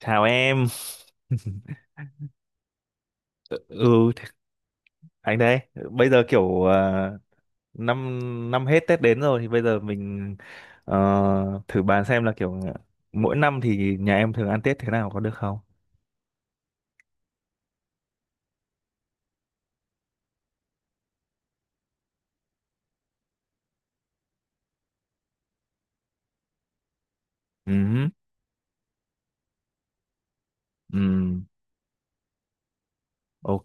Chào em. Ừ, th- anh đây. Bây giờ kiểu năm năm hết Tết đến rồi, thì bây giờ mình ờ, thử bàn xem là kiểu mỗi năm thì nhà em thường ăn Tết thế nào, có được không? Ừ, ừ, ok.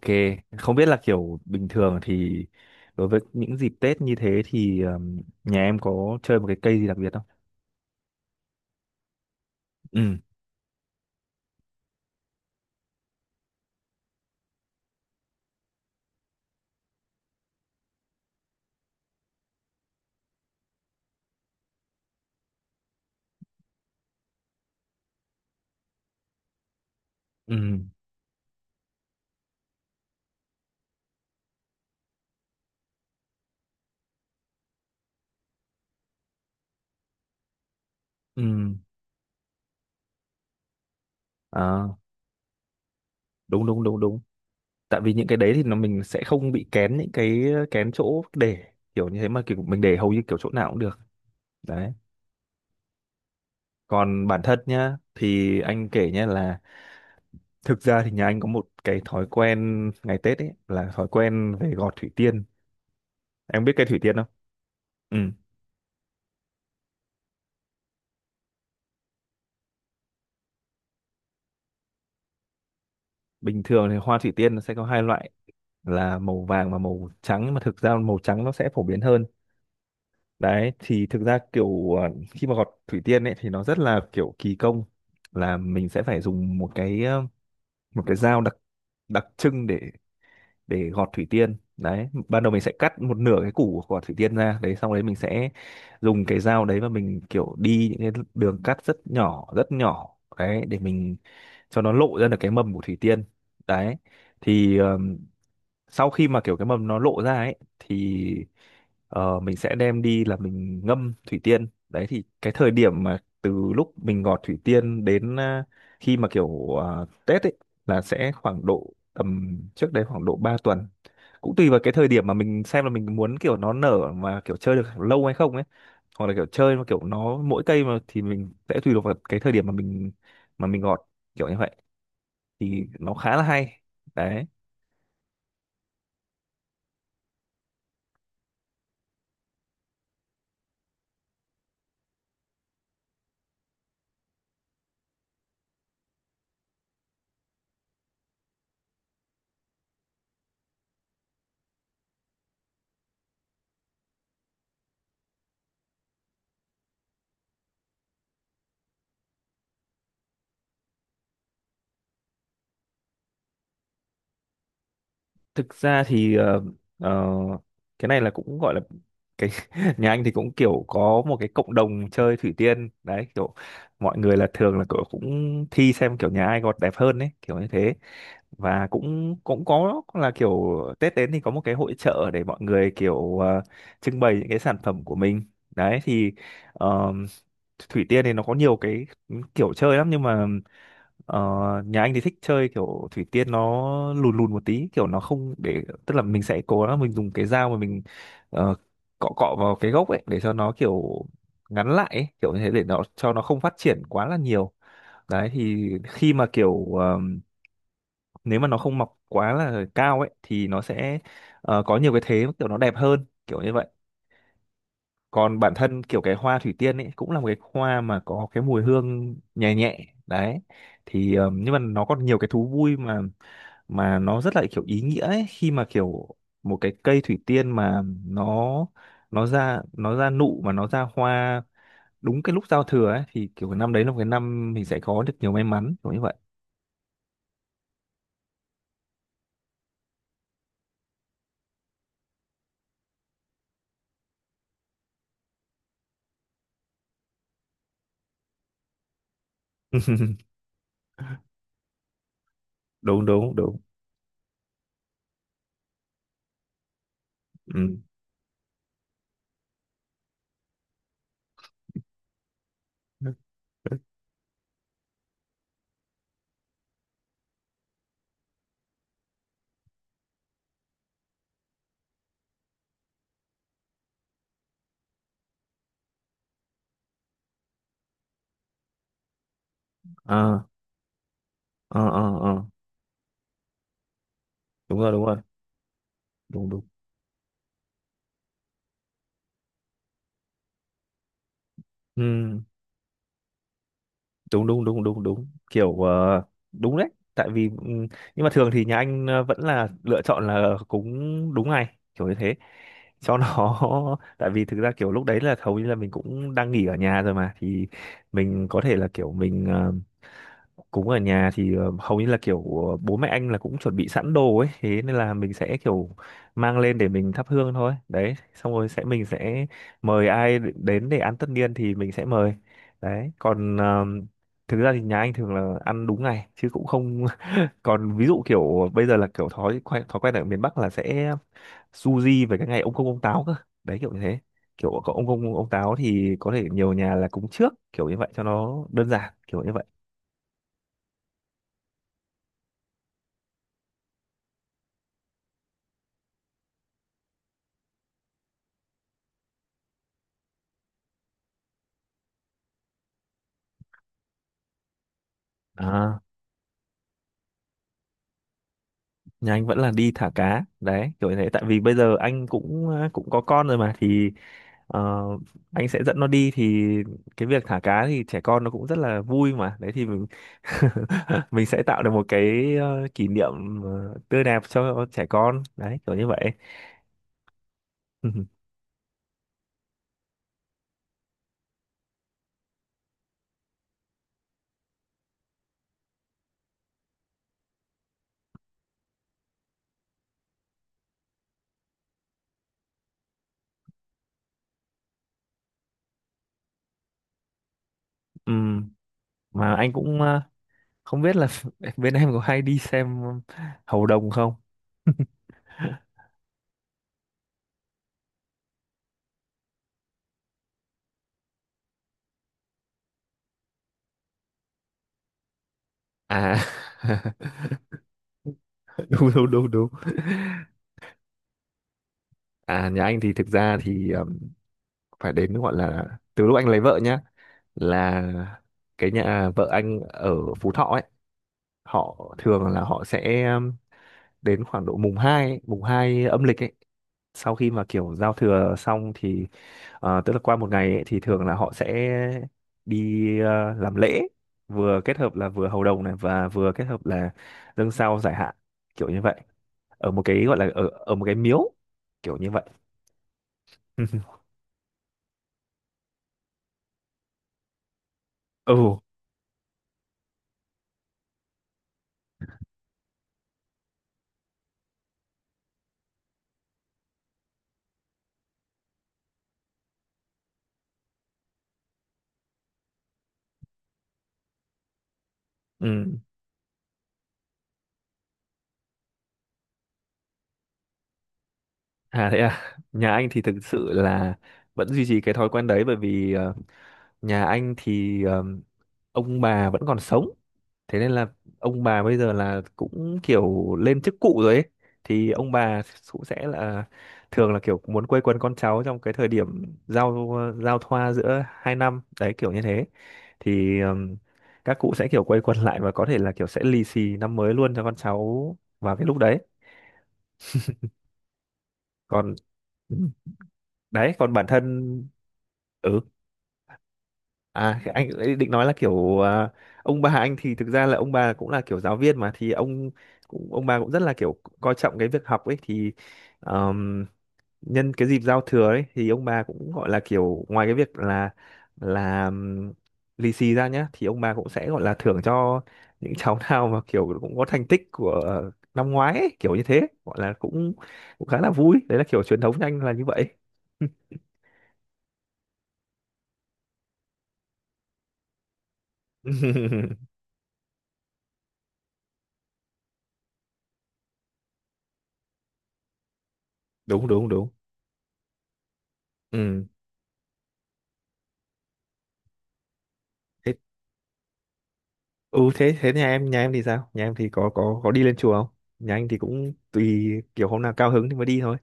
Không biết là kiểu bình thường thì đối với những dịp Tết như thế thì nhà em có chơi một cái cây gì đặc biệt không? Ừ, ừ, ừ. À, đúng đúng đúng đúng. Tại vì những cái đấy thì nó mình sẽ không bị kén, những cái kén chỗ để kiểu như thế, mà kiểu mình để hầu như kiểu chỗ nào cũng được đấy. Còn bản thân nhá, thì anh kể nhá là thực ra thì nhà anh có một cái thói quen ngày Tết ấy, là thói quen về gọt thủy tiên. Em biết cây thủy tiên không? Ừ. Bình thường thì hoa thủy tiên nó sẽ có hai loại là màu vàng và màu trắng, nhưng mà thực ra màu trắng nó sẽ phổ biến hơn. Đấy thì thực ra kiểu khi mà gọt thủy tiên ấy thì nó rất là kiểu kỳ công, là mình sẽ phải dùng một cái dao đặc đặc trưng để gọt thủy tiên đấy. Ban đầu mình sẽ cắt một nửa cái củ của quả thủy tiên ra, đấy xong đấy mình sẽ dùng cái dao đấy mà mình kiểu đi những cái đường cắt rất nhỏ đấy, để mình cho nó lộ ra được cái mầm của thủy tiên đấy. Thì sau khi mà kiểu cái mầm nó lộ ra ấy thì mình sẽ đem đi là mình ngâm thủy tiên. Đấy thì cái thời điểm mà từ lúc mình gọt thủy tiên đến khi mà kiểu Tết ấy, là sẽ khoảng độ tầm trước đấy khoảng độ 3 tuần, cũng tùy vào cái thời điểm mà mình xem là mình muốn kiểu nó nở mà kiểu chơi được lâu hay không ấy, hoặc là kiểu chơi mà kiểu nó mỗi cây mà thì mình sẽ tùy thuộc vào cái thời điểm mà mình gọt kiểu như vậy, thì nó khá là hay đấy. Thực ra thì ờ, cái này là cũng gọi là cái nhà anh thì cũng kiểu có một cái cộng đồng chơi thủy tiên đấy, kiểu mọi người là thường là kiểu cũng thi xem kiểu nhà ai gọt đẹp hơn đấy kiểu như thế. Và cũng cũng có là kiểu Tết đến thì có một cái hội chợ để mọi người kiểu trưng bày những cái sản phẩm của mình đấy. Thì ờ, thủy tiên thì nó có nhiều cái kiểu chơi lắm, nhưng mà Ờ, nhà anh thì thích chơi kiểu thủy tiên nó lùn lùn một tí, kiểu nó không để, tức là mình sẽ cố gắng mình dùng cái dao mà mình ờ, cọ cọ vào cái gốc ấy để cho nó kiểu ngắn lại ấy, kiểu như thế để nó cho nó không phát triển quá là nhiều đấy. Thì khi mà kiểu nếu mà nó không mọc quá là cao ấy thì nó sẽ có nhiều cái thế kiểu nó đẹp hơn kiểu như vậy. Còn bản thân kiểu cái hoa thủy tiên ấy cũng là một cái hoa mà có cái mùi hương nhẹ nhẹ đấy. Thì nhưng mà nó còn nhiều cái thú vui mà nó rất là kiểu ý nghĩa ấy, khi mà kiểu một cái cây thủy tiên mà nó nó ra nụ mà nó ra hoa đúng cái lúc giao thừa ấy, thì kiểu cái năm đấy là một cái năm mình sẽ có được nhiều may mắn kiểu như vậy. Đúng đúng đúng. Ừ. Ờ, ờ, ờ, ờ. Đúng rồi đúng rồi. Đúng đúng. Ừ. Đúng đúng đúng đúng đúng, kiểu đúng đấy. Tại vì nhưng mà thường thì nhà anh vẫn là lựa chọn là cúng đúng ngày kiểu như thế cho nó tại vì thực ra kiểu lúc đấy là hầu như là mình cũng đang nghỉ ở nhà rồi mà, thì mình có thể là kiểu mình cúng ở nhà, thì hầu như là kiểu bố mẹ anh là cũng chuẩn bị sẵn đồ ấy, thế nên là mình sẽ kiểu mang lên để mình thắp hương thôi đấy, xong rồi sẽ mình sẽ mời ai đến để ăn tất niên thì mình sẽ mời đấy. Còn thực ra thì nhà anh thường là ăn đúng ngày chứ cũng không còn ví dụ kiểu bây giờ là kiểu thói quen ở miền Bắc là sẽ su về cái ngày ông công ông táo cơ đấy kiểu như thế. Kiểu có ông công ông táo thì có thể nhiều nhà là cúng trước kiểu như vậy cho nó đơn giản kiểu như vậy. À, nhà anh vẫn là đi thả cá đấy kiểu như thế, tại vì bây giờ anh cũng cũng có con rồi mà, thì ờ, anh sẽ dẫn nó đi, thì cái việc thả cá thì trẻ con nó cũng rất là vui mà đấy, thì mình mình sẽ tạo được một cái kỷ niệm tươi đẹp cho trẻ con đấy kiểu như vậy. Ừm, mà anh cũng không biết là bên em có hay đi xem hầu đồng không? À. Đúng đúng đúng đúng. À nhà anh thì thực ra thì phải đến gọi là từ lúc anh lấy vợ nhá, là cái nhà vợ anh ở Phú Thọ ấy, họ thường là họ sẽ đến khoảng độ mùng 2 ấy, mùng 2 âm lịch ấy, sau khi mà kiểu giao thừa xong thì tức là qua một ngày ấy, thì thường là họ sẽ đi làm lễ, vừa kết hợp là vừa hầu đồng này, và vừa kết hợp là dâng sao giải hạn kiểu như vậy, ở một cái gọi là ở ở một cái miếu kiểu như vậy. Ừ, ừ. À thế à, nhà anh thì thực sự là vẫn duy trì cái thói quen đấy, bởi vì nhà anh thì ông bà vẫn còn sống. Thế nên là ông bà bây giờ là cũng kiểu lên chức cụ rồi ấy. Thì ông bà cũng sẽ là thường là kiểu muốn quây quần con cháu trong cái thời điểm giao thoa giữa hai năm đấy kiểu như thế. Thì các cụ sẽ kiểu quây quần lại và có thể là kiểu sẽ lì xì năm mới luôn cho con cháu vào cái lúc đấy. Còn đấy còn bản thân ừ à anh ấy định nói là kiểu ông bà anh thì thực ra là ông bà cũng là kiểu giáo viên mà, thì ông bà cũng rất là kiểu coi trọng cái việc học ấy, thì ờm, nhân cái dịp giao thừa ấy thì ông bà cũng gọi là kiểu ngoài cái việc là là ừm, lì xì ra nhá, thì ông bà cũng sẽ gọi là thưởng cho những cháu nào mà kiểu cũng có thành tích của năm ngoái ấy, kiểu như thế gọi là cũng cũng khá là vui đấy, là kiểu truyền thống nhanh là như vậy. Đúng đúng đúng. Ừ thế ừ thế thế nhà em, thì sao, nhà em thì có đi lên chùa không? Nhà anh thì cũng tùy, kiểu hôm nào cao hứng thì mới đi thôi.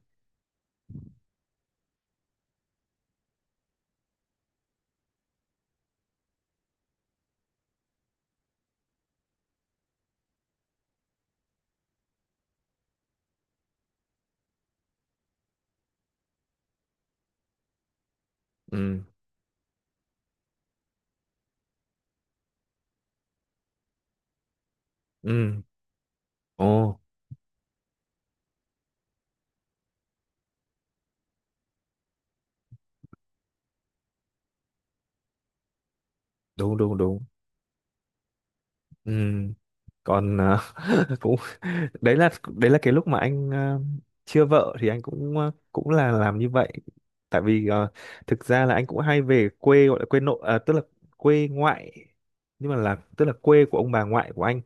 Ừ, ừ. Ồ. Đúng đúng đúng. Ừ còn cũng đấy là cái lúc mà anh chưa vợ, thì anh cũng là làm như vậy, tại vì thực ra là anh cũng hay về quê gọi là quê nội à, tức là quê ngoại, nhưng mà là tức là quê của ông bà ngoại của anh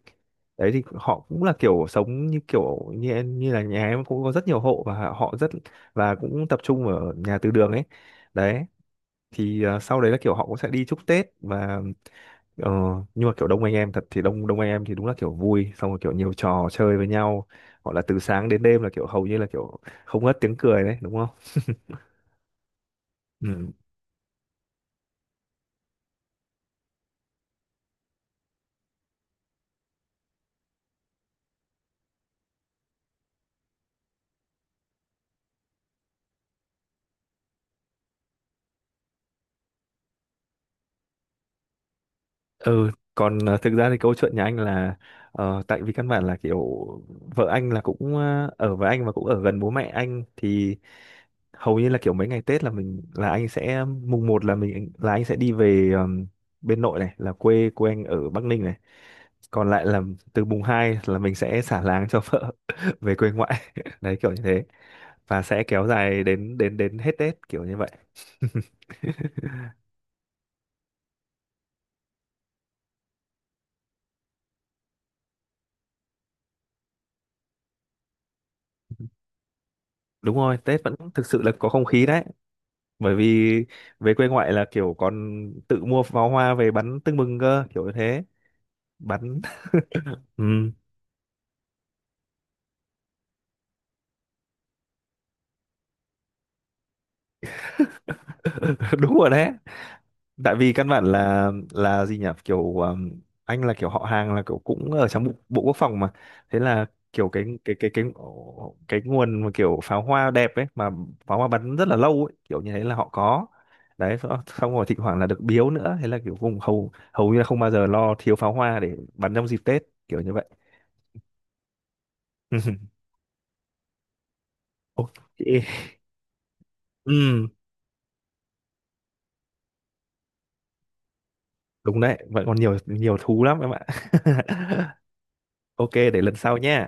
đấy, thì họ cũng là kiểu sống như kiểu như như là nhà em, cũng có rất nhiều hộ và họ rất, và cũng tập trung ở nhà từ đường ấy đấy. Thì sau đấy là kiểu họ cũng sẽ đi chúc Tết và Ờ, nhưng mà kiểu đông anh em thật, thì đông đông anh em thì đúng là kiểu vui, xong rồi kiểu nhiều trò chơi với nhau, gọi là từ sáng đến đêm là kiểu hầu như là kiểu không ngớt tiếng cười đấy, đúng không? Ừ, ừ. Còn thực ra thì câu chuyện nhà anh là tại vì căn bản là kiểu vợ anh là cũng ở với anh và cũng ở gần bố mẹ anh, thì hầu như là kiểu mấy ngày Tết là mình là anh sẽ mùng một là mình là anh sẽ đi về, bên nội này là quê quê anh ở Bắc Ninh này, còn lại là từ mùng 2 là mình sẽ xả láng cho vợ về quê ngoại đấy kiểu như thế. Và sẽ kéo dài đến đến đến hết Tết kiểu như vậy. Đúng rồi, Tết vẫn thực sự là có không khí đấy, bởi vì về quê ngoại là kiểu còn tự mua pháo hoa về bắn tưng bừng cơ kiểu như thế, bắn. Ừ. Đúng rồi đấy, tại vì căn bản là gì nhỉ, kiểu anh là kiểu họ hàng là kiểu cũng ở trong bộ quốc phòng mà, thế là kiểu cái nguồn mà kiểu pháo hoa đẹp ấy mà, pháo hoa bắn rất là lâu ấy kiểu như thế là họ có đấy, xong xong rồi thỉnh thoảng là được biếu nữa, thế là kiểu vùng hầu hầu như là không bao giờ lo thiếu pháo hoa để bắn trong dịp Tết kiểu như vậy. Ok. Ừ, đúng đấy, vẫn còn nhiều nhiều thú lắm em ạ. Ok để lần sau nhé.